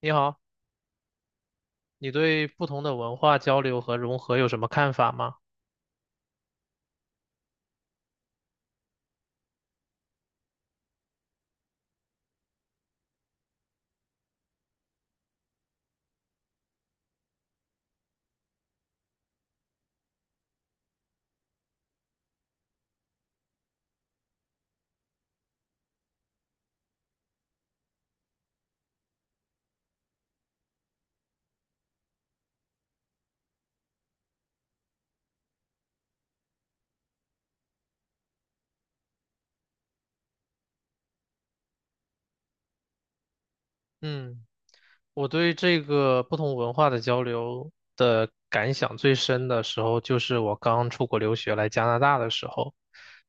你好，你对不同的文化交流和融合有什么看法吗？嗯，我对这个不同文化的交流的感想最深的时候，就是我刚出国留学来加拿大的时候，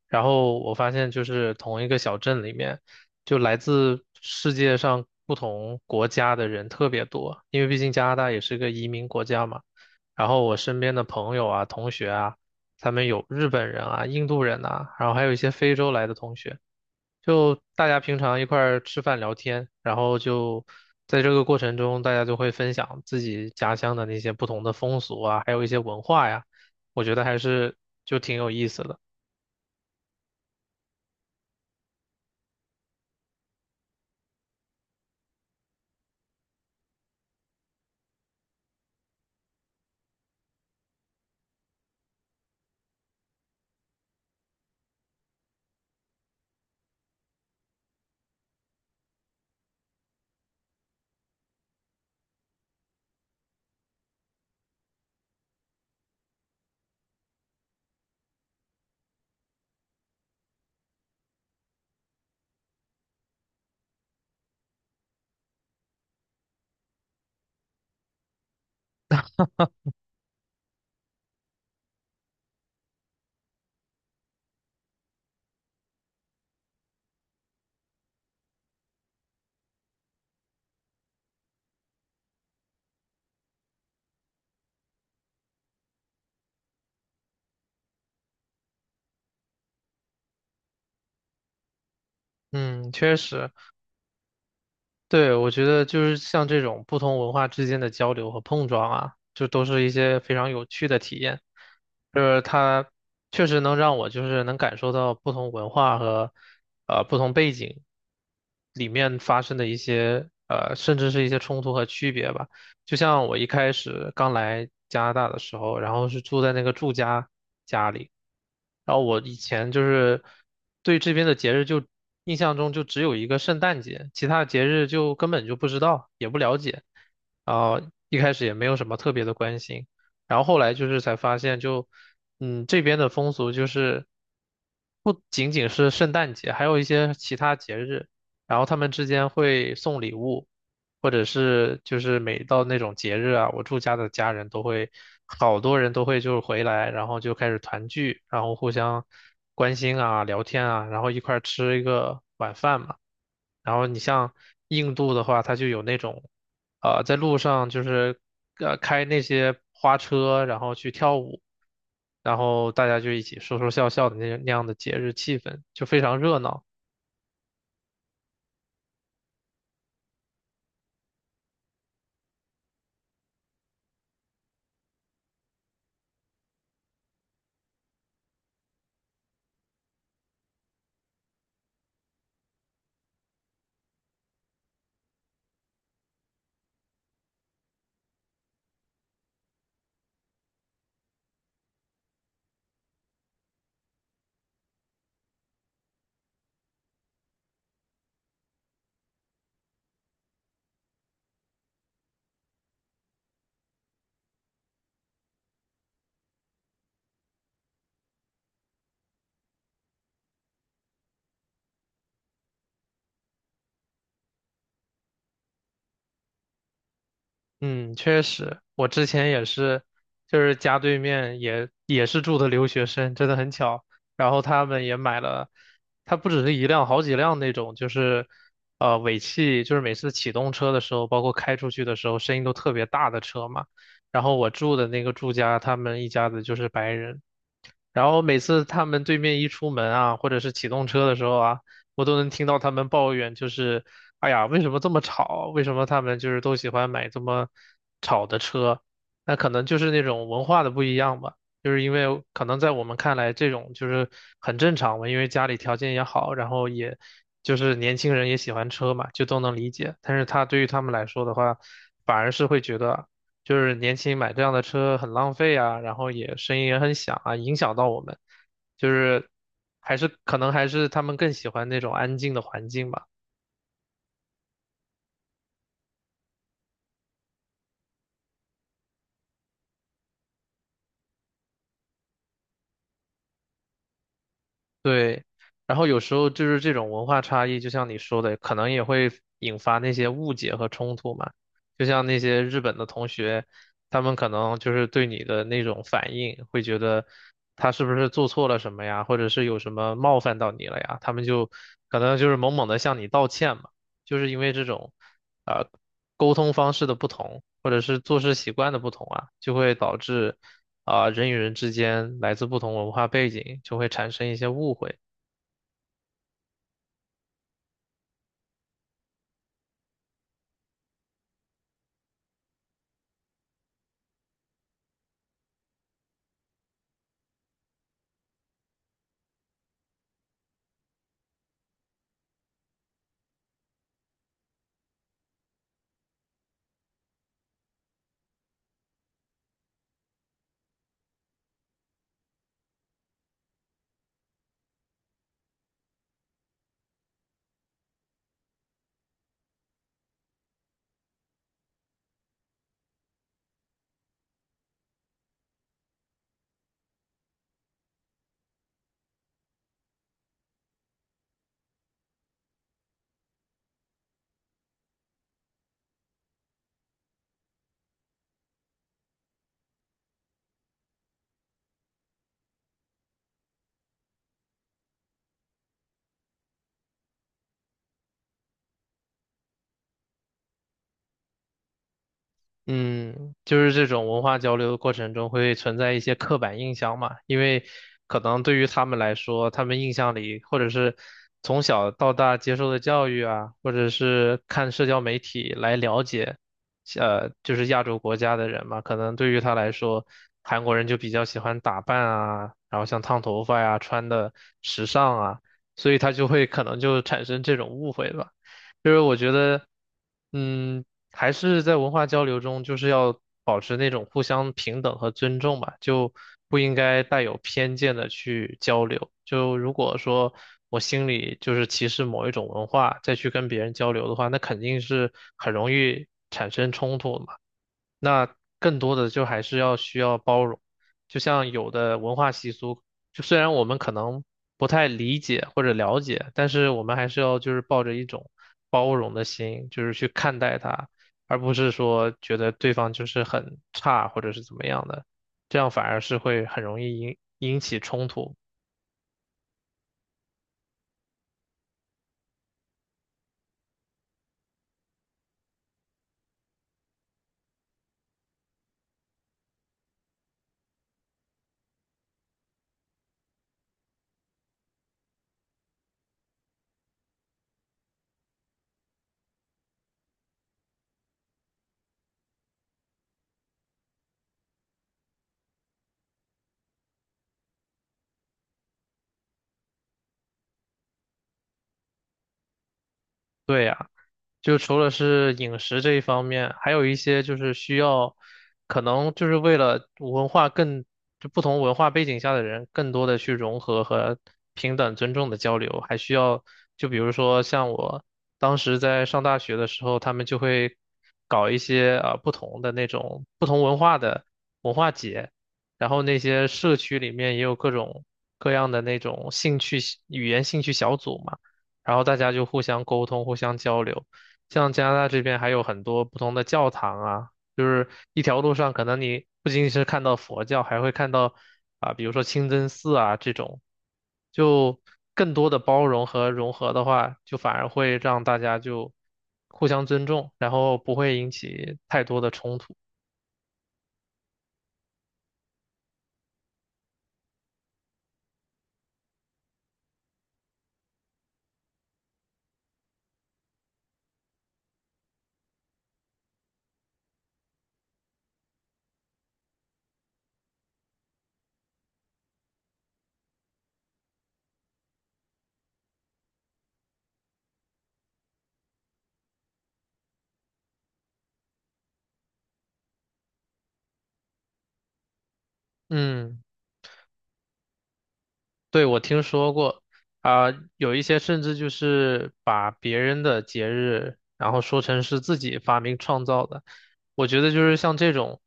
然后我发现就是同一个小镇里面，就来自世界上不同国家的人特别多，因为毕竟加拿大也是个移民国家嘛。然后我身边的朋友啊、同学啊，他们有日本人啊、印度人呐，然后还有一些非洲来的同学。就大家平常一块儿吃饭聊天，然后就在这个过程中，大家就会分享自己家乡的那些不同的风俗啊，还有一些文化呀，我觉得还是就挺有意思的。嗯，确实。对，我觉得就是像这种不同文化之间的交流和碰撞啊，就都是一些非常有趣的体验。就是它确实能让我就是能感受到不同文化和不同背景里面发生的一些甚至是一些冲突和区别吧。就像我一开始刚来加拿大的时候，然后是住在那个住家家里，然后我以前就是对这边的节日就印象中就只有一个圣诞节，其他节日就根本就不知道，也不了解，然后一开始也没有什么特别的关心，然后后来就是才发现就，这边的风俗就是不仅仅是圣诞节，还有一些其他节日。然后他们之间会送礼物，或者是就是每到那种节日啊，我住家的家人都会，好多人都会就是回来，然后就开始团聚，然后互相关心啊、聊天啊，然后一块儿吃一个晚饭嘛。然后你像印度的话，它就有那种，在路上就是开那些花车，然后去跳舞，然后大家就一起说说笑笑的那样的节日气氛，就非常热闹。嗯，确实，我之前也是，就是家对面也是住的留学生，真的很巧。然后他们也买了，他不只是一辆，好几辆那种，就是尾气，就是每次启动车的时候，包括开出去的时候，声音都特别大的车嘛。然后我住的那个住家，他们一家子就是白人，然后每次他们对面一出门啊，或者是启动车的时候啊，我都能听到他们抱怨，就是哎呀，为什么这么吵？为什么他们就是都喜欢买这么吵的车？那可能就是那种文化的不一样吧。就是因为可能在我们看来，这种就是很正常嘛，因为家里条件也好，然后也就是年轻人也喜欢车嘛，就都能理解。但是他对于他们来说的话，反而是会觉得。就是年轻买这样的车很浪费啊，然后也声音也很响啊，影响到我们，就是还是可能还是他们更喜欢那种安静的环境吧。对，然后有时候就是这种文化差异，就像你说的，可能也会引发那些误解和冲突嘛。就像那些日本的同学，他们可能就是对你的那种反应，会觉得他是不是做错了什么呀，或者是有什么冒犯到你了呀，他们就可能就是猛猛的向你道歉嘛。就是因为这种，啊沟通方式的不同，或者是做事习惯的不同啊，就会导致。人与人之间来自不同文化背景就会产生一些误会，嗯，就是这种文化交流的过程中会存在一些刻板印象嘛，因为可能对于他们来说，他们印象里或者是从小到大接受的教育啊，或者是看社交媒体来了解，就是亚洲国家的人嘛，可能对于他来说，韩国人就比较喜欢打扮啊，然后像烫头发呀、穿的时尚啊，所以他就会可能就产生这种误会吧。就是我觉得，嗯。还是在文化交流中，就是要保持那种互相平等和尊重吧，就不应该带有偏见的去交流。就如果说我心里就是歧视某一种文化，再去跟别人交流的话，那肯定是很容易产生冲突的嘛。那更多的就还是要需要包容，就像有的文化习俗，就虽然我们可能不太理解或者了解，但是我们还是要就是抱着一种包容的心，就是去看待它。而不是说觉得对方就是很差或者是怎么样的，这样反而是会很容易引起冲突。对呀。就除了是饮食这一方面，还有一些就是需要，可能就是为了文化更，就不同文化背景下的人更多的去融合和平等尊重的交流，还需要，就比如说像我当时在上大学的时候，他们就会搞一些不同的那种不同文化的文化节，然后那些社区里面也有各种各样的那种兴趣语言兴趣小组嘛，然后大家就互相沟通，互相交流。像加拿大这边还有很多不同的教堂啊，就是一条路上可能你不仅仅是看到佛教，还会看到啊，比如说清真寺啊这种，就更多的包容和融合的话，就反而会让大家就互相尊重，然后不会引起太多的冲突。嗯。对，我听说过，啊、有一些甚至就是把别人的节日，然后说成是自己发明创造的。我觉得就是像这种，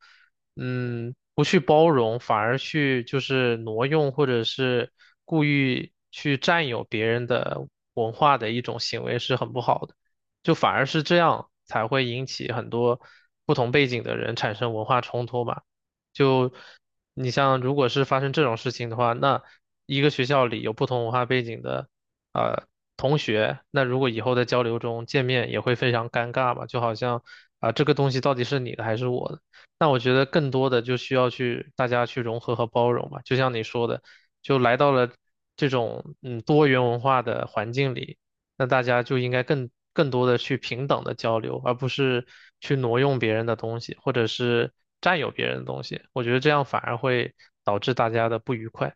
不去包容，反而去就是挪用或者是故意去占有别人的文化的一种行为是很不好的。就反而是这样才会引起很多不同背景的人产生文化冲突吧。就你像，如果是发生这种事情的话，那一个学校里有不同文化背景的呃同学，那如果以后在交流中见面也会非常尴尬嘛，就好像这个东西到底是你的还是我的？那我觉得更多的就需要去大家去融合和包容嘛，就像你说的，就来到了这种多元文化的环境里。那大家就应该更多的去平等的交流，而不是去挪用别人的东西，或者是占有别人的东西。我觉得这样反而会导致大家的不愉快。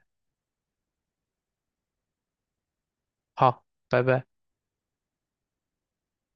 好，拜拜。